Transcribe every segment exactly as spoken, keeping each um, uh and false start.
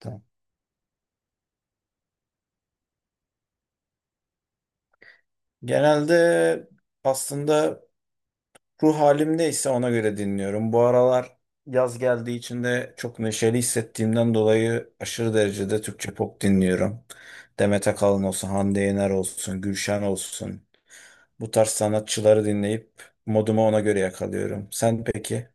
Tamam. Genelde aslında ruh halim halimdeyse ona göre dinliyorum. Bu aralar yaz geldiği için de çok neşeli hissettiğimden dolayı aşırı derecede Türkçe pop dinliyorum. Demet Akalın olsun, Hande Yener olsun, Gülşen olsun. Bu tarz sanatçıları dinleyip modumu ona göre yakalıyorum. Sen peki?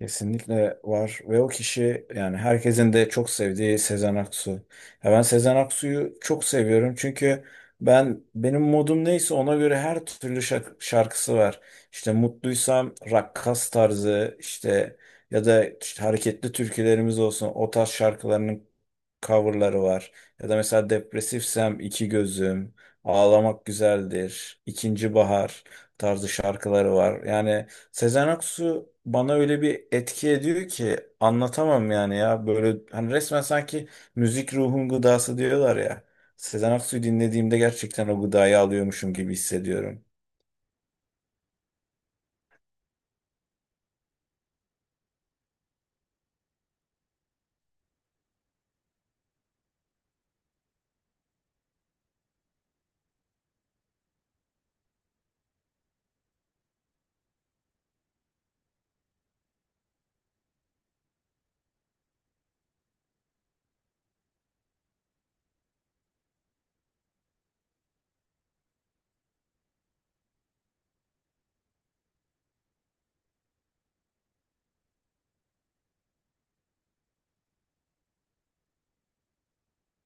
Kesinlikle var ve o kişi yani herkesin de çok sevdiği Sezen Aksu. Ya ben Sezen Aksu'yu çok seviyorum çünkü ben benim modum neyse ona göre her türlü şark- şarkısı var. İşte mutluysam rakkas tarzı işte ya da işte hareketli türkülerimiz olsun o tarz şarkılarının coverları var. Ya da mesela depresifsem İki Gözüm, Ağlamak Güzeldir, İkinci Bahar tarzı şarkıları var. Yani Sezen Aksu bana öyle bir etki ediyor ki anlatamam yani ya böyle hani resmen sanki müzik ruhun gıdası diyorlar ya. Sezen Aksu'yu dinlediğimde gerçekten o gıdayı alıyormuşum gibi hissediyorum.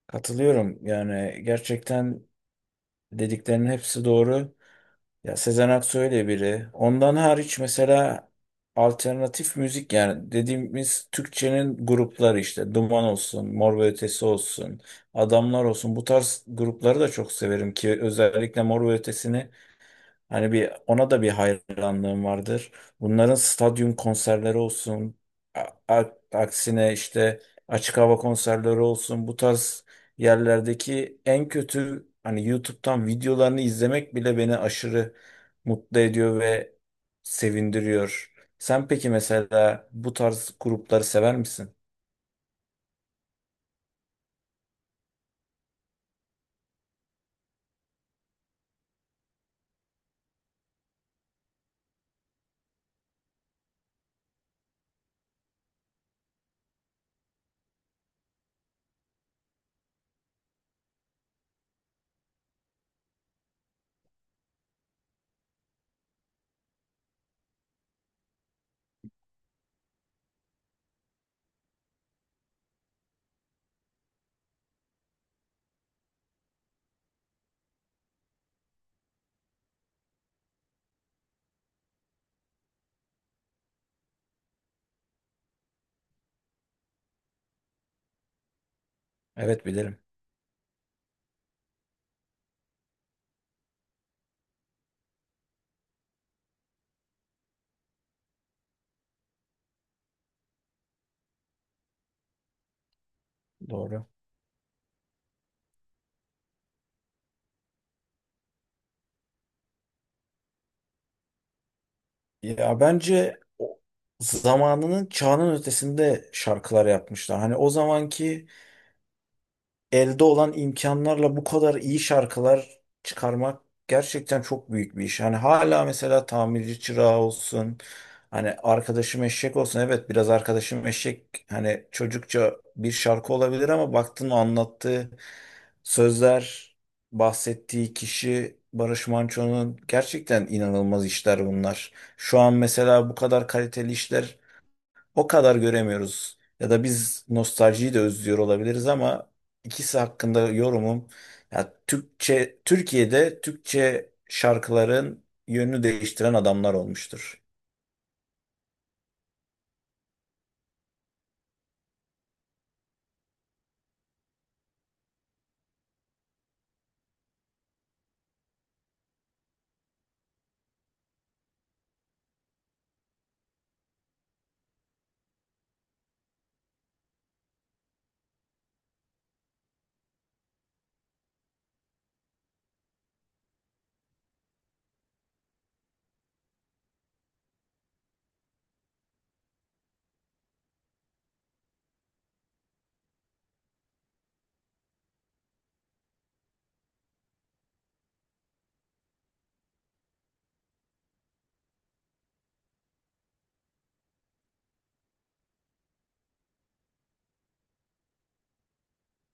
Katılıyorum yani gerçekten dediklerinin hepsi doğru. Ya Sezen Aksu öyle biri. Ondan hariç mesela alternatif müzik yani dediğimiz Türkçenin grupları işte Duman olsun, Mor ve Ötesi olsun, Adamlar olsun bu tarz grupları da çok severim ki özellikle Mor ve Ötesi'ni hani bir ona da bir hayranlığım vardır. Bunların stadyum konserleri olsun, a- a- aksine işte açık hava konserleri olsun, bu tarz yerlerdeki en kötü hani YouTube'dan videolarını izlemek bile beni aşırı mutlu ediyor ve sevindiriyor. Sen peki mesela bu tarz grupları sever misin? Evet bilirim. Doğru. Ya bence o- zamanının çağının ötesinde şarkılar yapmışlar. Hani o zamanki elde olan imkanlarla bu kadar iyi şarkılar çıkarmak gerçekten çok büyük bir iş. Hani hala mesela tamirci çırağı olsun, hani arkadaşım eşek olsun. Evet biraz arkadaşım eşek hani çocukça bir şarkı olabilir ama baktın anlattığı sözler, bahsettiği kişi Barış Manço'nun gerçekten inanılmaz işler bunlar. Şu an mesela bu kadar kaliteli işler o kadar göremiyoruz. Ya da biz nostaljiyi de özlüyor olabiliriz ama ikisi hakkında yorumum ya Türkçe Türkiye'de Türkçe şarkıların yönünü değiştiren adamlar olmuştur.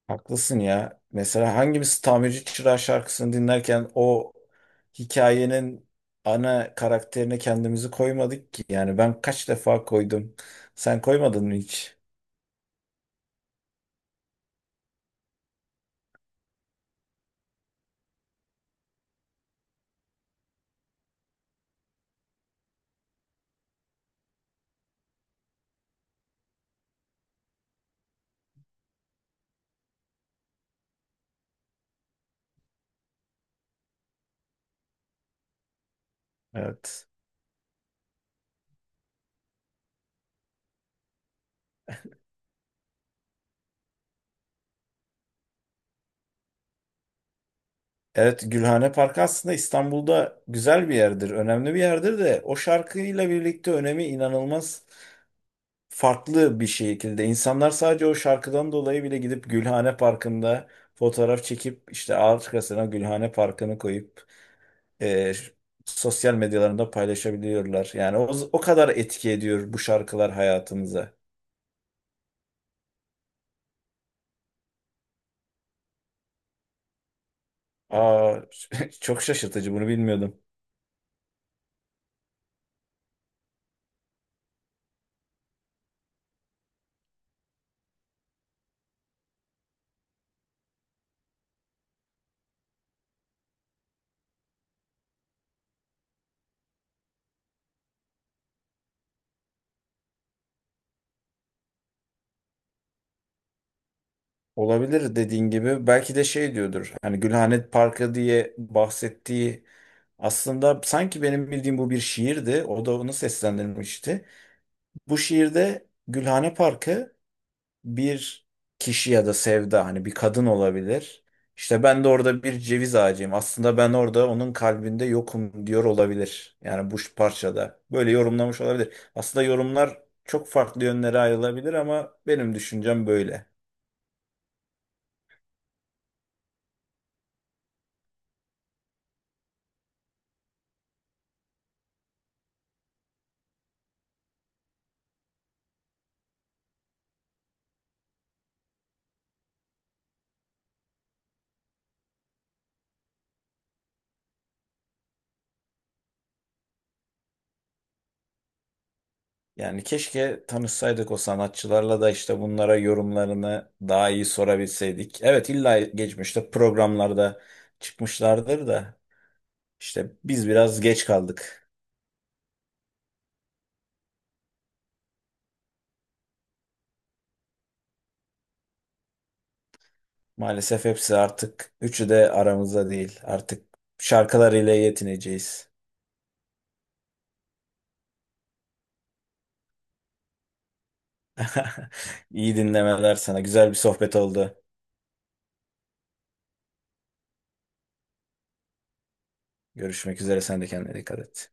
Haklısın ya. Mesela hangimiz Tamirci Çırağı şarkısını dinlerken o hikayenin ana karakterine kendimizi koymadık ki. Yani ben kaç defa koydum. Sen koymadın mı hiç? Evet. Evet, Gülhane Parkı aslında İstanbul'da güzel bir yerdir, önemli bir yerdir de o şarkıyla birlikte önemi inanılmaz farklı bir şekilde. İnsanlar sadece o şarkıdan dolayı bile gidip Gülhane Parkı'nda fotoğraf çekip işte arkasına Gülhane Parkı'nı koyup e, sosyal medyalarında paylaşabiliyorlar. Yani o, o kadar etki ediyor bu şarkılar hayatımıza. Aa, çok şaşırtıcı, bunu bilmiyordum. Olabilir, dediğin gibi belki de şey diyordur. Hani Gülhane Parkı diye bahsettiği, aslında sanki benim bildiğim bu bir şiirdi. O da onu seslendirmişti. Bu şiirde Gülhane Parkı bir kişi ya da sevda, hani bir kadın olabilir. İşte ben de orada bir ceviz ağacıyım. Aslında ben orada onun kalbinde yokum diyor olabilir. Yani bu parçada böyle yorumlamış olabilir. Aslında yorumlar çok farklı yönlere ayrılabilir ama benim düşüncem böyle. Yani keşke tanışsaydık o sanatçılarla da işte bunlara yorumlarını daha iyi sorabilseydik. Evet illa geçmişte programlarda çıkmışlardır da işte biz biraz geç kaldık. Maalesef hepsi artık üçü de aramızda değil. Artık şarkılarıyla yetineceğiz. İyi dinlemeler sana. Güzel bir sohbet oldu. Görüşmek üzere. Sen de kendine dikkat et.